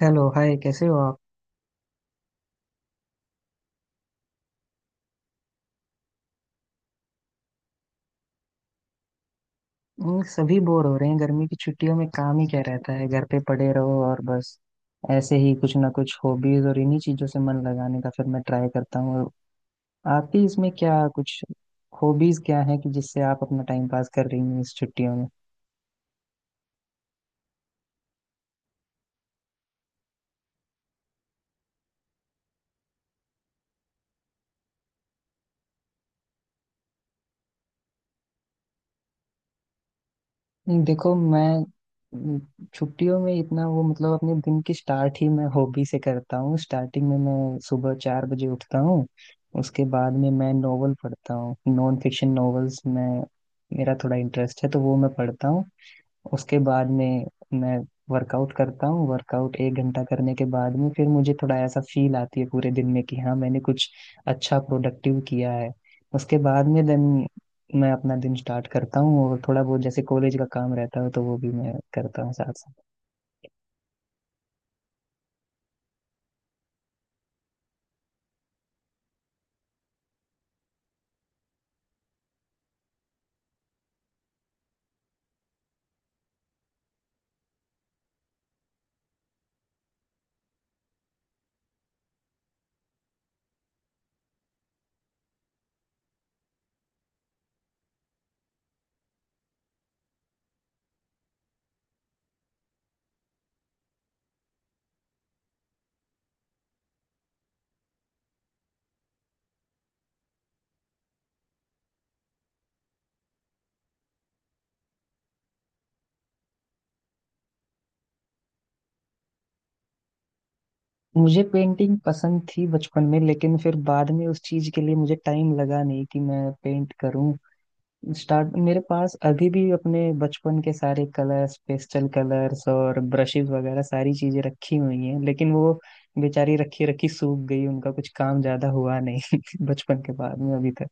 Hello hi, कैसे हो आप? सभी बोर हो रहे हैं। गर्मी की छुट्टियों में काम ही क्या रहता है, घर पे पड़े रहो और बस ऐसे ही कुछ ना कुछ हॉबीज और इन्हीं चीजों से मन लगाने का फिर मैं ट्राई करता हूँ। और आपकी इसमें क्या कुछ हॉबीज क्या है कि जिससे आप अपना टाइम पास कर रही हैं इस छुट्टियों में? देखो, मैं छुट्टियों में इतना वो मतलब अपने दिन की स्टार्ट ही मैं हॉबी से करता हूँ। स्टार्टिंग में मैं सुबह 4 बजे उठता हूँ। उसके बाद में मैं नोवेल पढ़ता हूँ, नॉन फिक्शन नॉवेल्स में मेरा थोड़ा इंटरेस्ट है तो वो मैं पढ़ता हूँ। उसके बाद में मैं वर्कआउट करता हूँ। वर्कआउट 1 घंटा करने के बाद में फिर मुझे थोड़ा ऐसा फील आती है पूरे दिन में कि हाँ, मैंने कुछ अच्छा प्रोडक्टिव किया है। उसके बाद में देन मैं अपना दिन स्टार्ट करता हूँ और थोड़ा बहुत जैसे कॉलेज का काम रहता है तो वो भी मैं करता हूँ साथ साथ। मुझे पेंटिंग पसंद थी बचपन में लेकिन फिर बाद में उस चीज के लिए मुझे टाइम लगा नहीं कि मैं पेंट करूँ। स्टार्ट मेरे पास अभी भी अपने बचपन के सारे कलर्स, पेस्टल कलर्स और ब्रशेस वगैरह सारी चीजें रखी हुई हैं, लेकिन वो बेचारी रखी रखी सूख गई, उनका कुछ काम ज्यादा हुआ नहीं बचपन के बाद में अभी तक।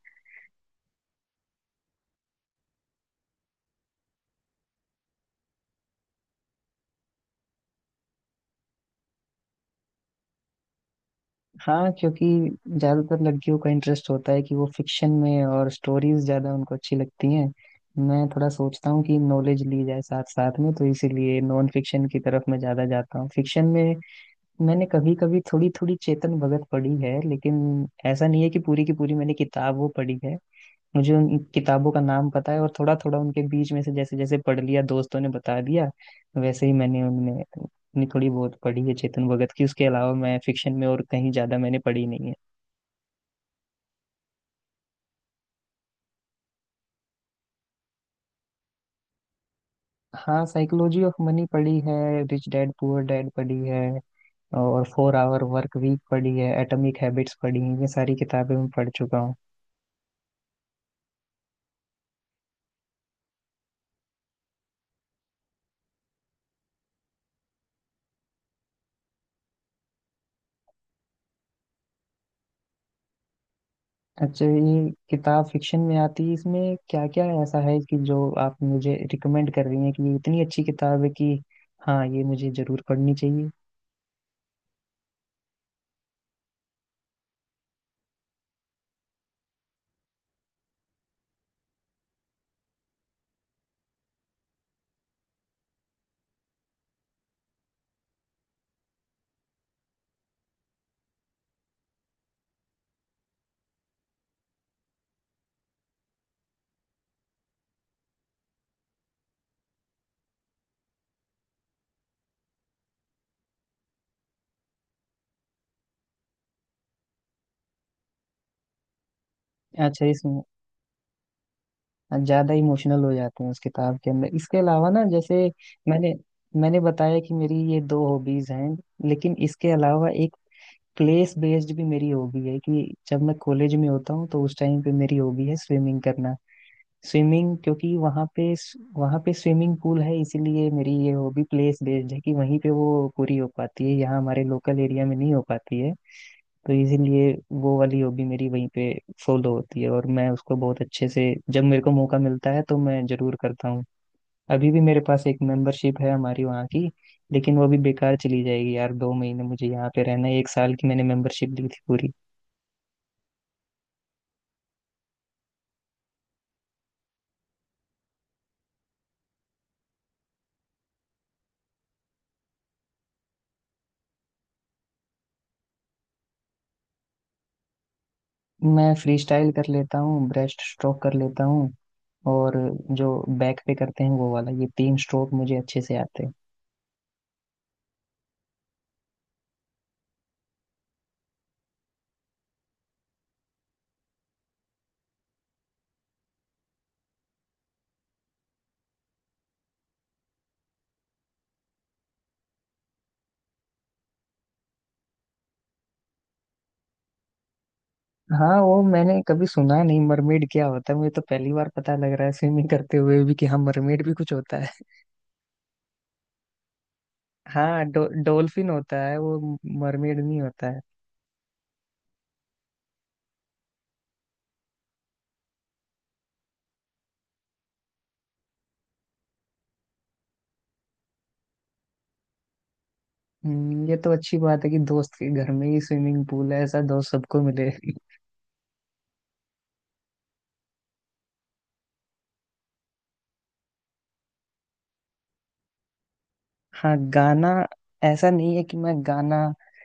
हाँ, क्योंकि ज्यादातर लड़कियों का इंटरेस्ट होता है कि वो फिक्शन में, और स्टोरीज ज्यादा उनको अच्छी लगती हैं। मैं थोड़ा सोचता हूँ कि नॉलेज ली जाए साथ साथ में, तो इसीलिए नॉन फिक्शन की तरफ मैं ज्यादा जाता हूँ। फिक्शन में मैंने कभी कभी थोड़ी थोड़ी चेतन भगत पढ़ी है, लेकिन ऐसा नहीं है कि पूरी की पूरी मैंने किताब वो पढ़ी है। मुझे उन किताबों का नाम पता है और थोड़ा थोड़ा उनके बीच में से जैसे जैसे पढ़ लिया दोस्तों ने बता दिया वैसे ही मैंने उनमें अपनी थोड़ी बहुत पढ़ी है चेतन भगत की। उसके अलावा मैं फिक्शन में और कहीं ज्यादा मैंने पढ़ी नहीं है। हाँ, साइकोलॉजी ऑफ मनी पढ़ी है, रिच डैड पुअर डैड पढ़ी है, और फोर आवर वर्क वीक पढ़ी है, एटॉमिक हैबिट्स पढ़ी है, ये सारी किताबें मैं पढ़ चुका हूँ। अच्छा, ये किताब फिक्शन में आती है? इसमें क्या क्या ऐसा है कि जो आप मुझे रिकमेंड कर रही हैं कि ये इतनी अच्छी किताब है कि हाँ ये मुझे जरूर पढ़नी चाहिए? अच्छा, इसमें ज्यादा इमोशनल हो जाते हैं उस किताब के अंदर? इसके अलावा ना जैसे मैंने मैंने बताया कि मेरी ये दो हॉबीज हैं, लेकिन इसके अलावा एक प्लेस बेस्ड भी मेरी हॉबी है कि जब मैं कॉलेज में होता हूँ तो उस टाइम पे मेरी हॉबी है स्विमिंग करना। स्विमिंग क्योंकि वहाँ पे स्विमिंग पूल है, इसीलिए मेरी ये वो भी प्लेस बेस्ड है कि वहीं पे वो पूरी हो पाती है, यहाँ हमारे लोकल एरिया में नहीं हो पाती है। तो इसीलिए वो वाली हॉबी मेरी वहीं पे फॉलो होती है और मैं उसको बहुत अच्छे से जब मेरे को मौका मिलता है तो मैं जरूर करता हूँ। अभी भी मेरे पास एक मेंबरशिप है हमारी वहाँ की, लेकिन वो भी बेकार चली जाएगी यार। 2 महीने मुझे यहाँ पे रहना है, 1 साल की मैंने मेंबरशिप ली थी पूरी। मैं फ्री स्टाइल कर लेता हूँ, ब्रेस्ट स्ट्रोक कर लेता हूँ, और जो बैक पे करते हैं वो वाला, ये तीन स्ट्रोक मुझे अच्छे से आते हैं। हाँ, वो मैंने कभी सुना नहीं मरमेड क्या होता है, मुझे तो पहली बार पता लग रहा है स्विमिंग करते हुए भी कि हाँ मरमेड भी कुछ होता है। हाँ, डोल्फिन होता है, वो मरमेड नहीं होता है। ये तो अच्छी बात है कि दोस्त के घर में ही स्विमिंग पूल है, ऐसा दोस्त सबको मिले। हाँ गाना, ऐसा नहीं है कि मैं गाना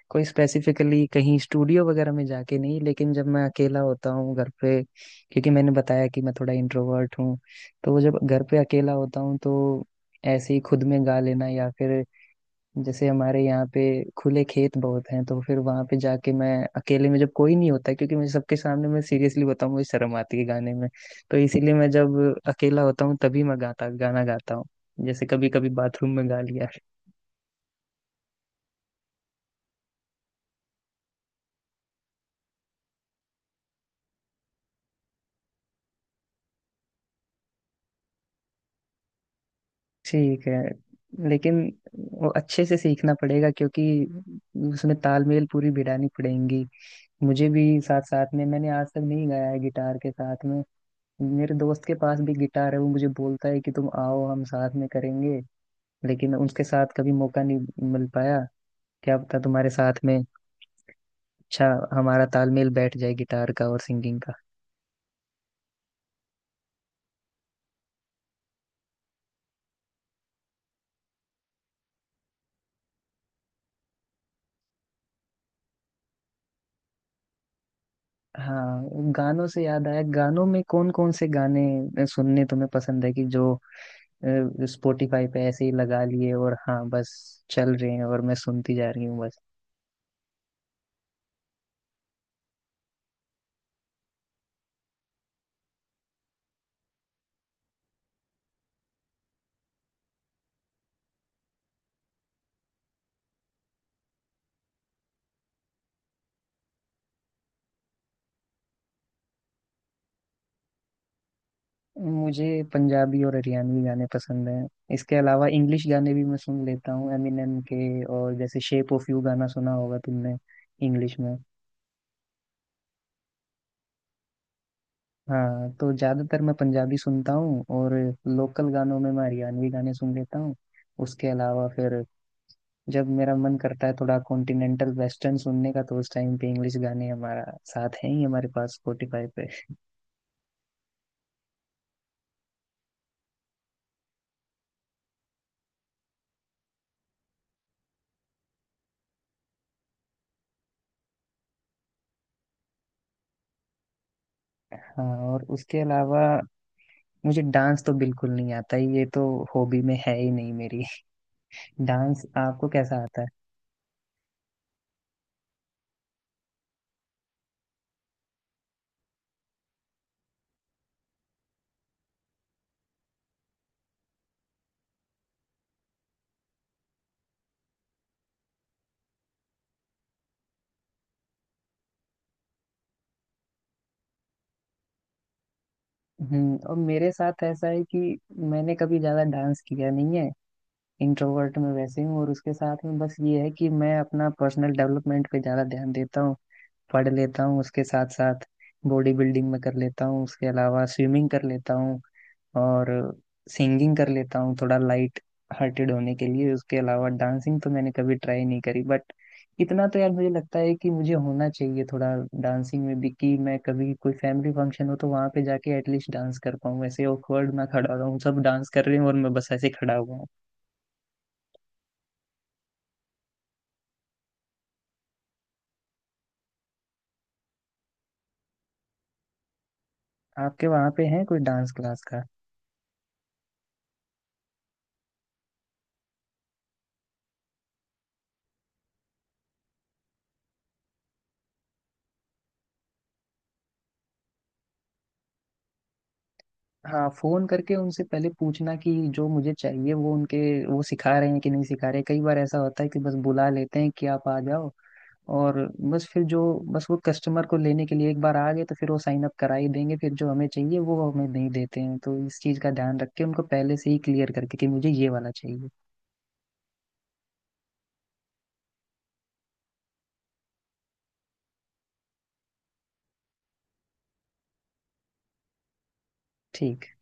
कोई स्पेसिफिकली कहीं स्टूडियो वगैरह में जाके नहीं, लेकिन जब मैं अकेला होता हूँ घर पे, क्योंकि मैंने बताया कि मैं थोड़ा इंट्रोवर्ट हूँ, तो जब घर पे अकेला होता हूँ तो ऐसे ही खुद में गा लेना, या फिर जैसे हमारे यहाँ पे खुले खेत बहुत हैं तो फिर वहां पे जाके मैं अकेले में, जब कोई नहीं होता है, क्योंकि मुझे सबके सामने मैं सीरियसली बताऊँ मुझे शर्म आती है गाने में, तो इसीलिए मैं जब अकेला होता हूँ तभी मैं गाता गाना गाता हूँ। जैसे कभी कभी बाथरूम में गा लिया। ठीक है, लेकिन वो अच्छे से सीखना पड़ेगा, क्योंकि उसमें तालमेल पूरी भिड़ानी पड़ेगी। मुझे भी साथ साथ में मैंने आज तक नहीं गाया है गिटार के साथ में। मेरे दोस्त के पास भी गिटार है, वो मुझे बोलता है कि तुम आओ हम साथ में करेंगे, लेकिन उसके साथ कभी मौका नहीं मिल पाया। क्या पता तुम्हारे साथ में अच्छा हमारा तालमेल बैठ जाए गिटार का और सिंगिंग का। हाँ, गानों से याद आया, गानों में कौन कौन से गाने सुनने तुम्हें पसंद है कि जो स्पॉटिफाई पे ऐसे ही लगा लिए और हाँ बस चल रहे हैं और मैं सुनती जा रही हूँ बस? मुझे पंजाबी और हरियाणवी गाने पसंद हैं। इसके अलावा इंग्लिश गाने भी मैं सुन लेता हूँ, एमिनेम के, और जैसे शेप ऑफ यू गाना सुना होगा तुमने इंग्लिश में। हाँ, तो ज़्यादातर मैं पंजाबी सुनता हूँ और लोकल गानों में मैं हरियाणवी गाने सुन लेता हूँ। उसके अलावा फिर जब मेरा मन करता है थोड़ा कॉन्टिनेंटल वेस्टर्न सुनने का तो उस टाइम पे इंग्लिश गाने हमारा साथ हैं ही, हमारे पास स्पॉटिफाई पे। हाँ, और उसके अलावा मुझे डांस तो बिल्कुल नहीं आता ही, ये तो हॉबी में है ही नहीं मेरी। डांस आपको कैसा आता है? और मेरे साथ ऐसा है कि मैंने कभी ज्यादा डांस किया नहीं है, इंट्रोवर्ट में वैसे हूँ, और उसके साथ में बस ये है कि मैं अपना पर्सनल डेवलपमेंट पे ज्यादा ध्यान देता हूँ, पढ़ लेता हूँ, उसके साथ साथ बॉडी बिल्डिंग में कर लेता हूँ, उसके अलावा स्विमिंग कर लेता हूँ, और सिंगिंग कर लेता हूँ थोड़ा लाइट हार्टेड होने के लिए। उसके अलावा डांसिंग तो मैंने कभी ट्राई नहीं करी, बट इतना तो यार मुझे लगता है कि मुझे होना चाहिए थोड़ा डांसिंग में भी, कि मैं कभी कोई फैमिली फंक्शन हो तो वहां पे जाके एटलीस्ट डांस कर पाऊँ, ऐसे ऑकवर्ड ना खड़ा रहूँ, सब डांस कर रहे हैं और मैं बस ऐसे खड़ा हुआ हूँ। आपके वहां पे है कोई डांस क्लास का? हाँ, फोन करके उनसे पहले पूछना कि जो मुझे चाहिए वो उनके वो सिखा रहे हैं कि नहीं सिखा रहे। कई बार ऐसा होता है कि बस बुला लेते हैं कि आप आ जाओ और बस फिर जो बस वो कस्टमर को लेने के लिए एक बार आ गए तो फिर वो साइन अप करा ही देंगे, फिर जो हमें चाहिए वो हमें नहीं देते हैं, तो इस चीज़ का ध्यान रख के उनको पहले से ही क्लियर करके कि मुझे ये वाला चाहिए। ठीक।